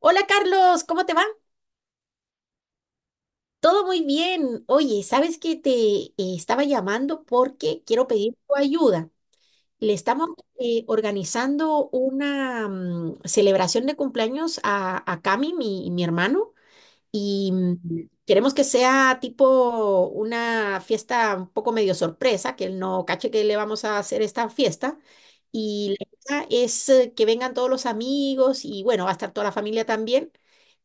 Hola Carlos, ¿cómo te va? Todo muy bien. Oye, sabes que te estaba llamando porque quiero pedir tu ayuda. Le estamos organizando una celebración de cumpleaños a Cami, mi hermano, y queremos que sea tipo una fiesta un poco medio sorpresa, que él no cache que le vamos a hacer esta fiesta. Y la idea es que vengan todos los amigos y bueno, va a estar toda la familia también.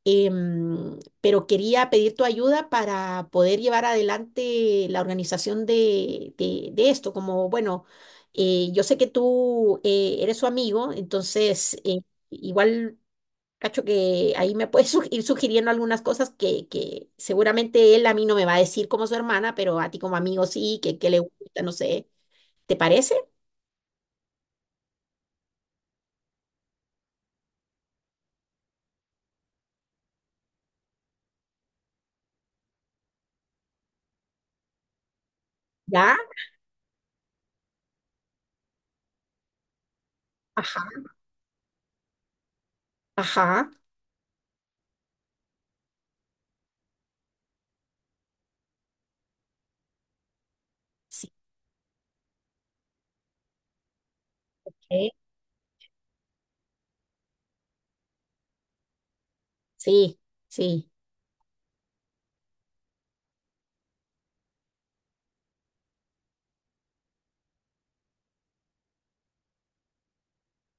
Pero quería pedir tu ayuda para poder llevar adelante la organización de esto. Como, bueno, yo sé que tú eres su amigo, entonces igual cacho que ahí me puede ir sugiriendo algunas cosas que seguramente él a mí no me va a decir como su hermana, pero a ti como amigo sí, que le gusta, no sé. ¿Te parece? ¿Ya? Ajá, ajá. Sí, eh, sí, sí.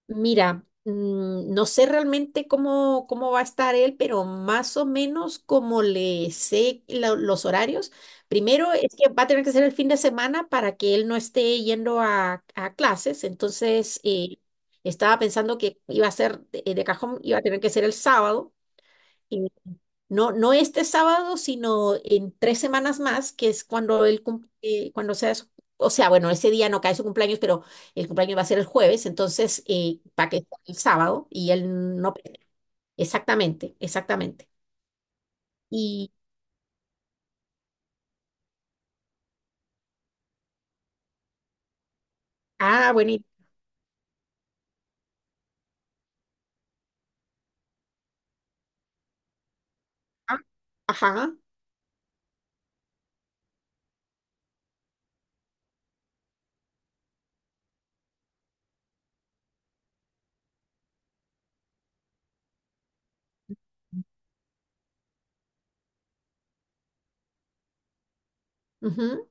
Mira, mm, no sé realmente cómo va a estar él, pero más o menos como le sé los horarios. Primero es que va a tener que ser el fin de semana para que él no esté yendo a clases. Entonces, estaba pensando que iba a ser de cajón, iba a tener que ser el sábado. No, no este sábado, sino en tres semanas más, que es cuando cuando sea o sea, bueno, ese día no cae su cumpleaños, pero el cumpleaños va a ser el jueves, entonces para que sea el sábado y él no, exactamente, exactamente. Y, ah, bueno, ah, ajá, ujú.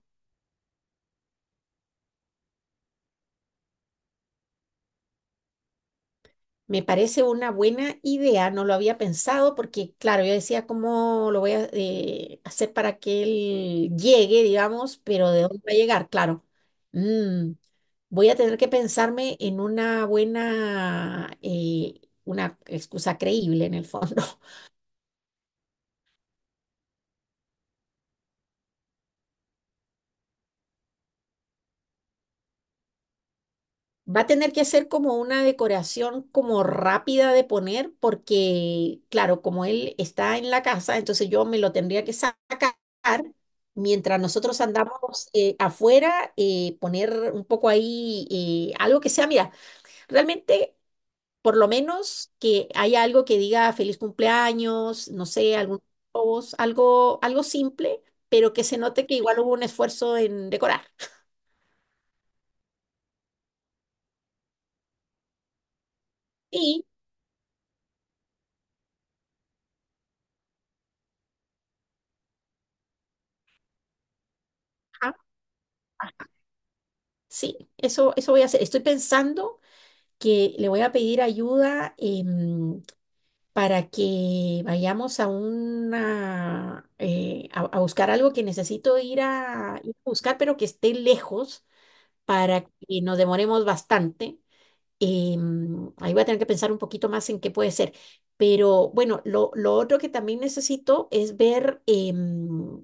Me parece una buena idea, no lo había pensado porque, claro, yo decía cómo lo voy a hacer para que él llegue, digamos, pero ¿de dónde va a llegar? Claro. Mm, voy a tener que pensarme en una buena, una excusa creíble en el fondo. Va a tener que hacer como una decoración como rápida de poner porque, claro, como él está en la casa, entonces yo me lo tendría que sacar mientras nosotros andamos afuera, poner un poco ahí algo que sea, mira, realmente por lo menos que haya algo que diga feliz cumpleaños, no sé, algún globos, algo, algo simple, pero que se note que igual hubo un esfuerzo en decorar. Y, ajá, sí, eso voy a hacer. Estoy pensando que le voy a pedir ayuda para que vayamos a una a buscar algo que necesito ir ir a buscar, pero que esté lejos para que nos demoremos bastante. Em, ahí voy a tener que pensar un poquito más en qué puede ser. Pero bueno, lo otro que también necesito es ver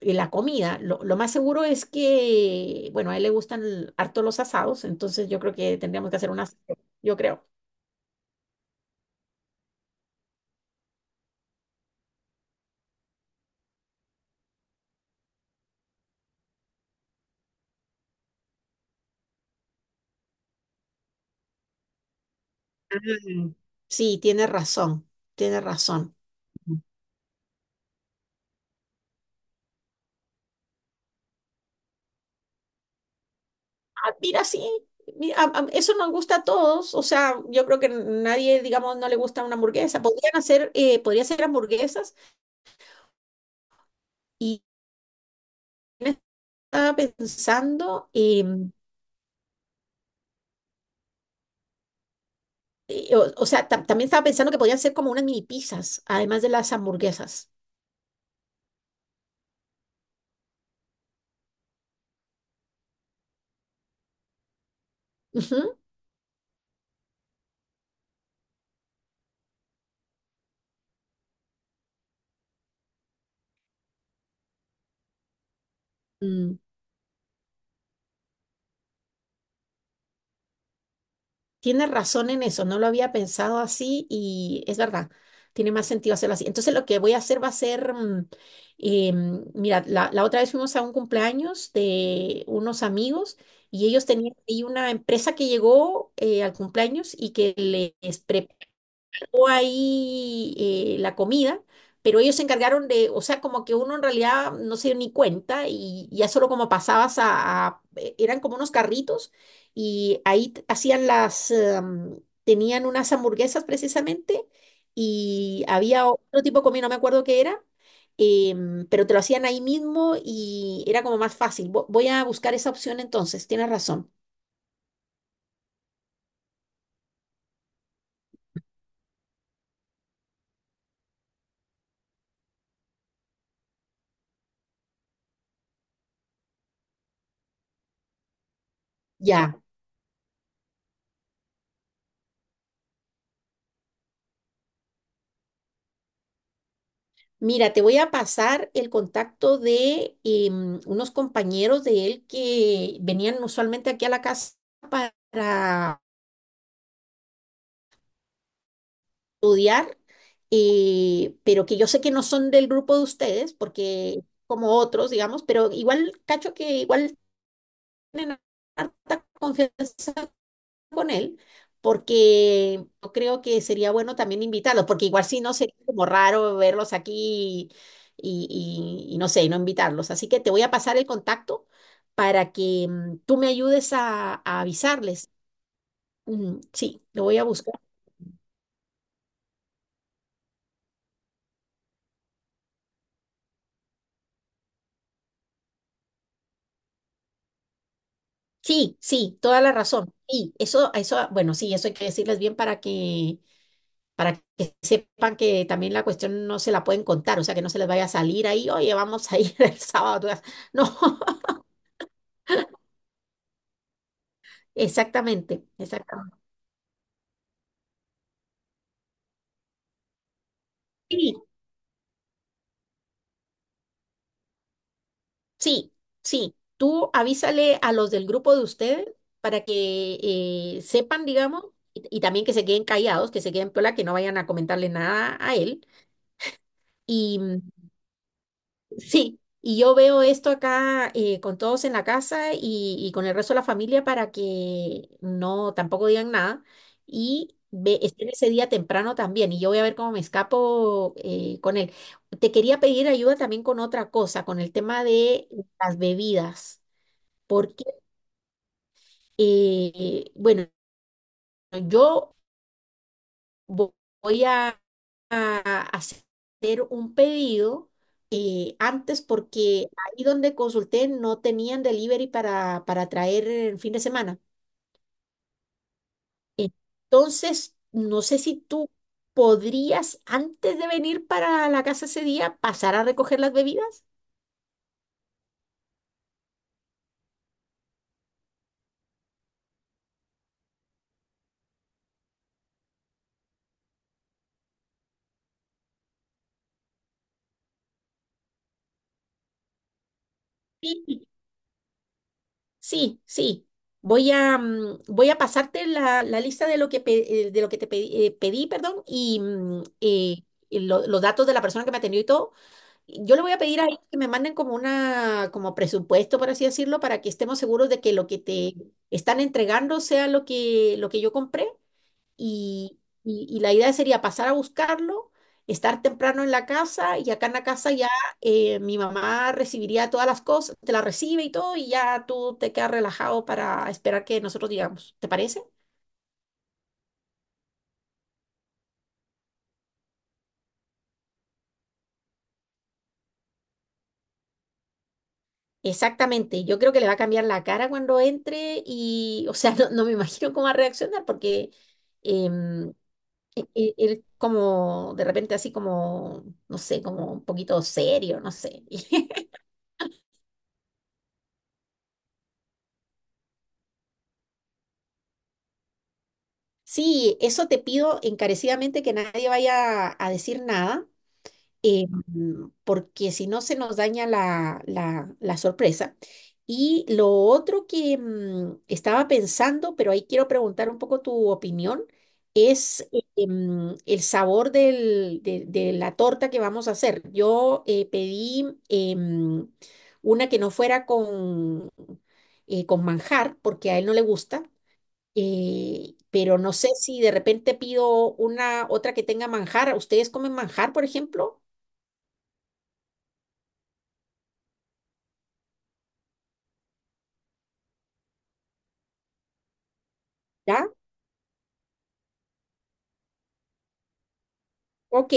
y la comida, lo más seguro es que, bueno, a él le gustan harto los asados, entonces yo creo que tendríamos que hacer un asado, yo creo. Ah, sí, tiene razón, tiene razón. Ah, mira, sí, eso nos gusta a todos, o sea, yo creo que nadie, digamos, no le gusta una hamburguesa. Podrían hacer, podría hacer hamburguesas y me estaba pensando, em, o sea, también estaba pensando que podrían ser como unas mini pizzas, además de las hamburguesas. Ujú. Tienes razón en eso, no lo había pensado así y es verdad, tiene más sentido hacerlo así. Entonces lo que voy a hacer va a ser, mm, mm, mira, la otra vez fuimos a un cumpleaños de unos amigos y ellos tenían ahí una empresa que llegó al cumpleaños y que les preparó o ahí la comida, pero ellos se encargaron de, o sea, como que uno en realidad no se dio ni cuenta y ya solo como pasabas eran como unos carritos y ahí hacían las, em, tenían unas hamburguesas precisamente y había otro tipo de comida, no me acuerdo qué era. Em, pero te lo hacían ahí mismo y era como más fácil. Voy a buscar esa opción entonces, tienes razón. Ya. Mira, te voy a pasar el contacto de unos compañeros de él que venían usualmente aquí a la casa para estudiar, pero que yo sé que no son del grupo de ustedes, porque como otros, digamos, pero igual, cacho que igual tienen harta confianza con él, porque yo creo que sería bueno también invitarlos, porque igual si no sería como raro verlos aquí y, y no sé, y no invitarlos. Así que te voy a pasar el contacto para que tú me ayudes a avisarles. Mm, sí, lo voy a buscar. Sí, sí, toda la razón. Y eso, bueno, sí, eso hay que decirles bien para que sepan que también la cuestión no se la pueden contar, o sea, que no se les vaya a salir ahí, oye, vamos a ir el sábado. Tú vas". No. Exactamente, exactamente. Sí, sí, sí. Tú avísale a los del grupo de ustedes para que sepan, digamos, y también que se queden callados, que se queden piola, que no vayan a comentarle nada a él. Sí, y yo veo esto acá con todos en la casa y con el resto de la familia para que no tampoco digan nada y ve, estén ese día temprano también y yo voy a ver cómo me escapo con él. Te quería pedir ayuda también con otra cosa, con el tema de las bebidas, porque, bueno, yo... vo- voy a hacer un pedido antes porque ahí donde consulté no tenían delivery para traer el fin de semana. Entonces, no sé si tú podrías, antes de venir para la casa ese día, pasar a recoger las bebidas. Sí, sí, sí. Voy a, mm, voy a pasarte la lista de lo que, de lo que te pedí, pedí, perdón, y mm, y los datos de la persona que me atendió y todo. Yo le voy a pedir a ellos que me manden como una, como presupuesto, por así decirlo, para que estemos seguros de que lo que te están entregando sea lo que yo compré. Y, y la idea sería pasar a buscarlo, estar temprano en la casa y acá en la casa ya mi mamá recibiría todas las cosas, te la recibe y todo y ya tú te quedas relajado para esperar que nosotros digamos. ¿Te parece? Exactamente, yo creo que le va a cambiar la cara cuando entre y, o sea, no, no me imagino cómo va a reaccionar porque... em, él como de repente así como, no sé, como un poquito serio, no sé. Sí, eso te pido encarecidamente que nadie vaya a decir nada. Eh, mm, porque si no se nos daña la, la sorpresa. Y lo otro que estaba pensando, pero ahí quiero preguntar un poco tu opinión, es em, el sabor de la torta que vamos a hacer. Yo pedí una que no fuera con manjar, porque a él no le gusta. Eh, pero no sé si de repente pido una otra que tenga manjar. ¿Ustedes comen manjar, por ejemplo? Ok,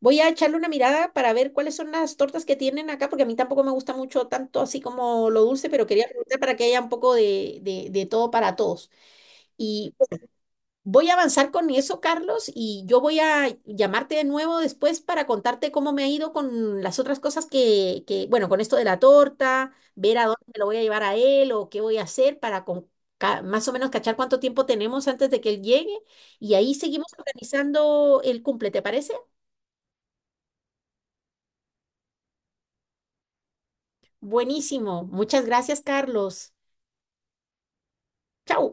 voy a echarle una mirada para ver cuáles son las tortas que tienen acá, porque a mí tampoco me gusta mucho tanto así como lo dulce, pero quería preguntar para que haya un poco de, de todo para todos. Y voy a avanzar con eso, Carlos, y yo voy a llamarte de nuevo después para contarte cómo me ha ido con las otras cosas que, bueno, con esto de la torta, ver a dónde me lo voy a llevar a él o qué voy a hacer para más o menos cachar cuánto tiempo tenemos antes de que él llegue. Y ahí seguimos organizando el cumple, ¿te parece? Buenísimo. Muchas gracias, Carlos. Chao.